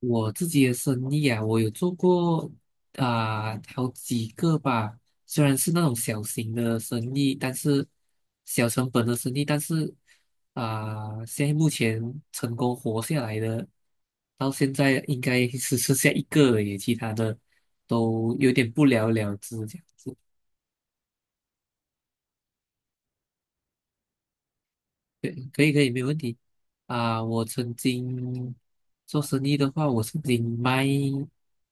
我自己的生意啊，我有做过好几个吧，虽然是那种小型的生意，但是小成本的生意，但是现在目前成功活下来的，到现在应该只剩下一个了耶，其他的都有点不了了之这样子。对，可以，没有问题。啊，我曾经做生意的话，我曾经卖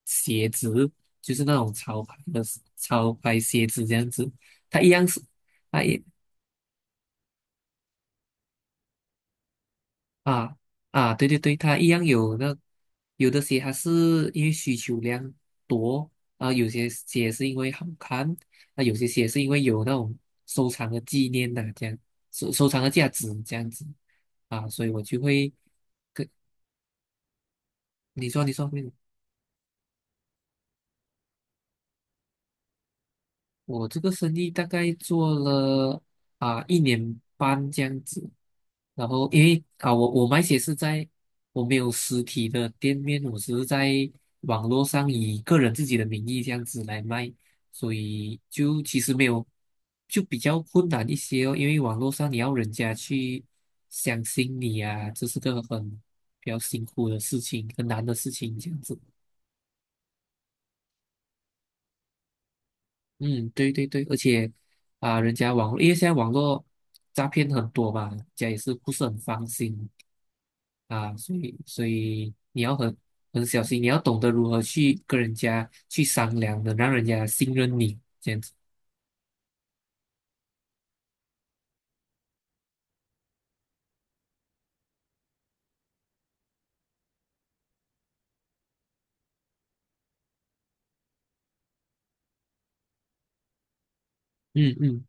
鞋子，就是那种潮牌的潮牌鞋子这样子。它一样是，它一啊啊，对对对，它一样有那有的鞋它是因为需求量多啊，有些鞋是因为好看，那有些鞋是因为有那种收藏的纪念呐、这样收藏的价值这样子啊，所以我就会跟你说你说。我这个生意大概做了一年半这样子，然后因为啊我卖鞋是在我没有实体的店面，我只是在网络上以个人自己的名义这样子来卖，所以就其实没有就比较困难一些哦，因为网络上你要人家去相信你啊，这是个很比较辛苦的事情，很难的事情这样子。嗯，对对对，而且啊，人家网络，因为现在网络诈骗很多嘛，人家也是不是很放心啊，所以你要很很小心，你要懂得如何去跟人家去商量的，让人家信任你，这样子。嗯嗯。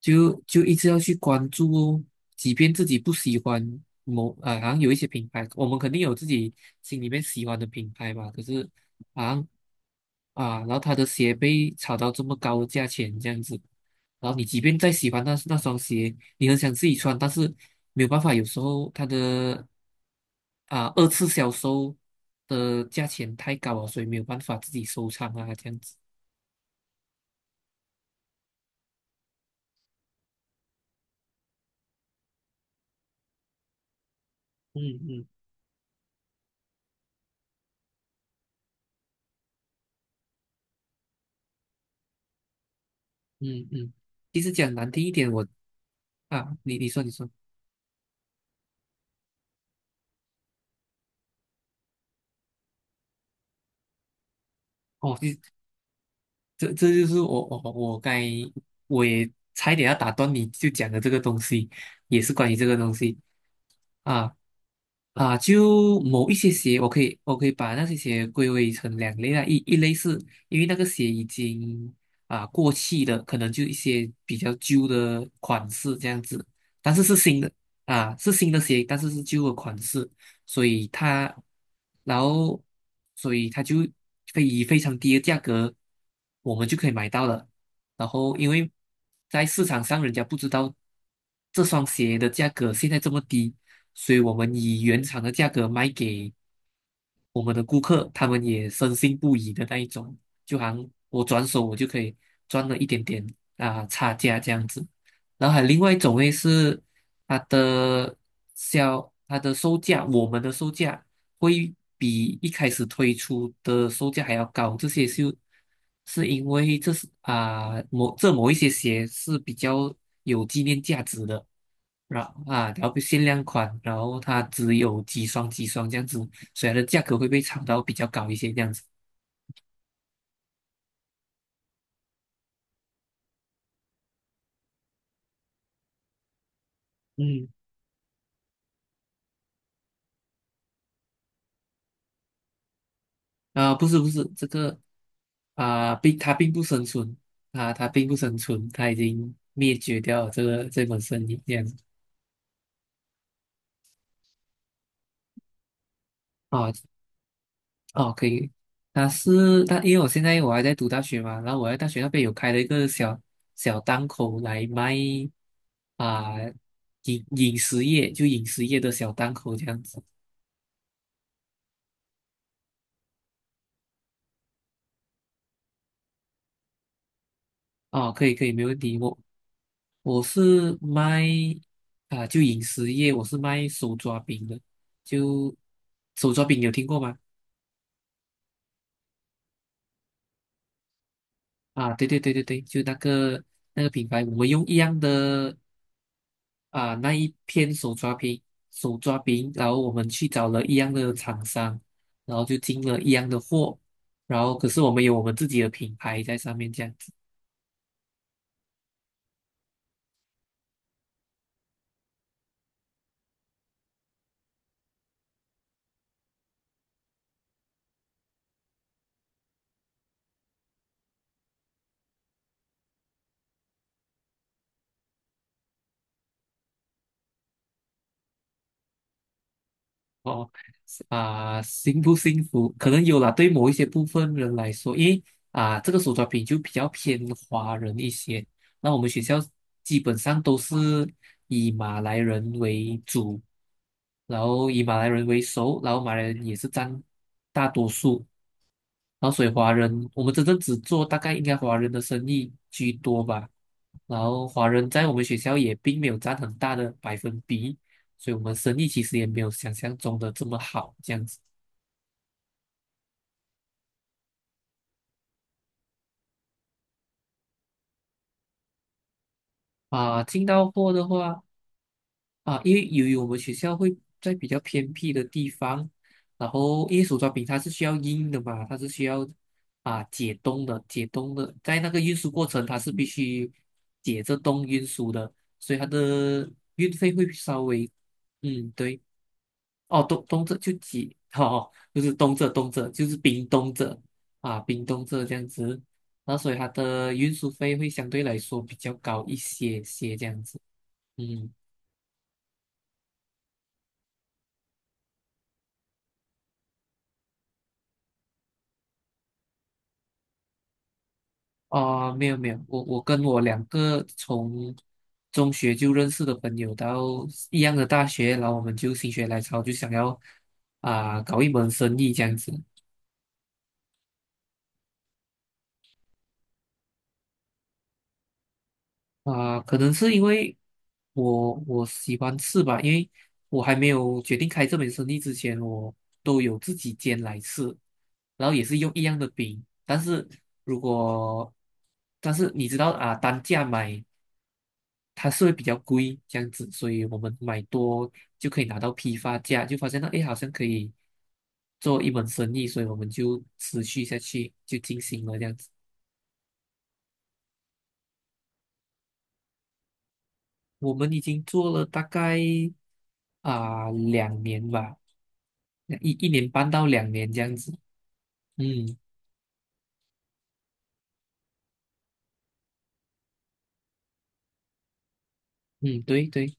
就一直要去关注哦，即便自己不喜欢某啊，好像有一些品牌，我们肯定有自己心里面喜欢的品牌吧，可是好像啊，然后他的鞋被炒到这么高的价钱这样子，然后你即便再喜欢那那双鞋，你很想自己穿，但是没有办法，有时候他的啊二次销售的价钱太高了，所以没有办法自己收藏啊这样子，嗯嗯嗯嗯，其实讲难听一点，我。啊，你说你说，哦，你这就是我该我也差一点要打断你就讲的这个东西，也是关于这个东西啊啊，就某一些鞋，我可以把那些鞋归为成两类啊，一类是因为那个鞋已经过气的，可能就一些比较旧的款式这样子，但是是新的啊，是新的鞋，但是是旧的款式。所以他，然后，所以他就可以以非常低的价格，我们就可以买到了。然后，因为在市场上人家不知道这双鞋的价格现在这么低，所以我们以原厂的价格卖给我们的顾客，他们也深信不疑的那一种，就好像我转手我就可以赚了一点点差价这样子。然后还有另外一种类是。它的它的售价，我们的售价会比一开始推出的售价还要高，这些是是因为某一些鞋是比较有纪念价值的，然后限量款，然后它只有几双这样子，所以它的价格会被炒到比较高一些这样子。嗯。不是不是，这个它并不生存啊，它并不生存，它已经灭绝掉了这个这门生意这样子啊哦，可以。它，因为我现在我还在读大学嘛，然后我在大学那边有开了一个小小档口来卖啊、饮食业，就饮食业的小档口这样子哦，可以，没问题。我是卖啊，就饮食业，我是卖手抓饼的，就手抓饼有听过吗？啊，对对对对对，就那个那个品牌，我们用一样的那一片手抓饼，手抓饼，然后我们去找了一样的厂商，然后就进了一样的货，然后可是我们有我们自己的品牌在上面这样子。哦，幸不幸福？可能有啦，对某一些部分人来说，因为这个手抓饼就比较偏华人一些。那我们学校基本上都是以马来人为主，然后以马来人为首，然后马来人也是占大多数。然后所以华人，我们真正只做大概应该华人的生意居多吧。然后华人在我们学校也并没有占很大的百分比，所以我们生意其实也没有想象中的这么好这样子啊。进到货的话。啊，因为由于我们学校会在比较偏僻的地方，然后因为手抓饼它是需要硬的嘛，它是需要解冻的，解冻的，在那个运输过程它是必须解着冻运输的，所以它的运费会稍微，嗯，对，哦，冻冻着就解，哦，就是冻着冻着就是冰冻着啊，冰冻着这样子，那所以它的运输费会相对来说比较高一些些这样子，嗯。啊，没有没有，我跟我两个从中学就认识的朋友到一样的大学，然后我们就心血来潮就想要搞一门生意这样子可能是因为我喜欢吃吧，因为我还没有决定开这门生意之前，我都有自己煎来吃，然后也是用一样的饼，但是如果但是你知道单价买。它是会比较贵这样子，所以我们买多就可以拿到批发价，就发现到诶好像可以做一门生意，所以我们就持续下去，就进行了这样子。我们已经做了大概两年吧，一年半到两年这样子。嗯嗯，对对，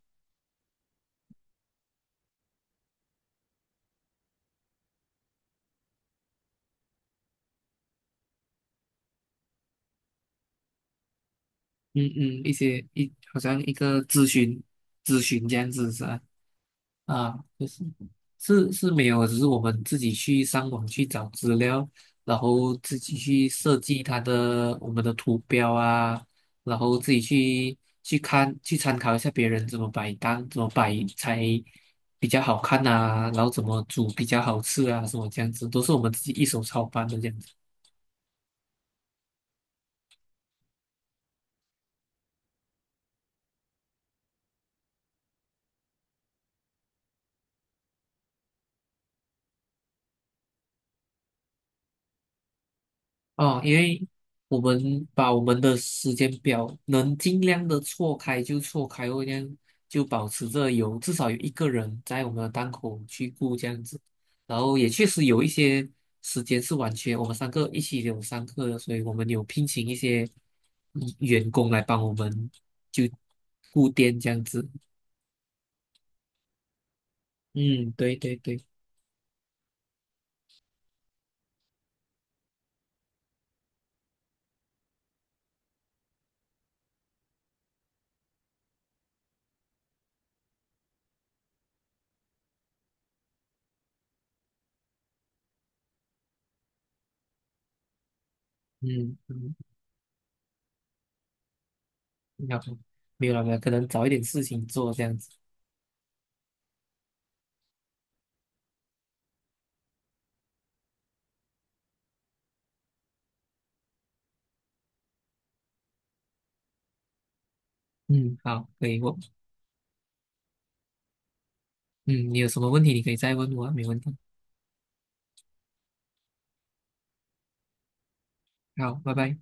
嗯嗯，一些一好像一个咨询这样子是吧？啊，就是是没有，只是我们自己去上网去找资料，然后自己去设计它的我们的图标啊，然后自己去去看去参考一下别人怎么摆单，怎么摆才比较好看啊，然后怎么煮比较好吃啊，什么这样子，都是我们自己一手操办的这样子。哦，因为我们把我们的时间表能尽量的错开就错开哦，这样就保持着有至少有一个人在我们的档口去顾这样子。然后也确实有一些时间是完全我们三个一起有上课的，所以我们有聘请一些员工来帮我们就顾店这样子。嗯，对对对，嗯嗯，要不没有了没有，可能找一点事情做这样子。嗯，好，可以，我。嗯，你有什么问题你可以再问我啊没问题。好，拜拜。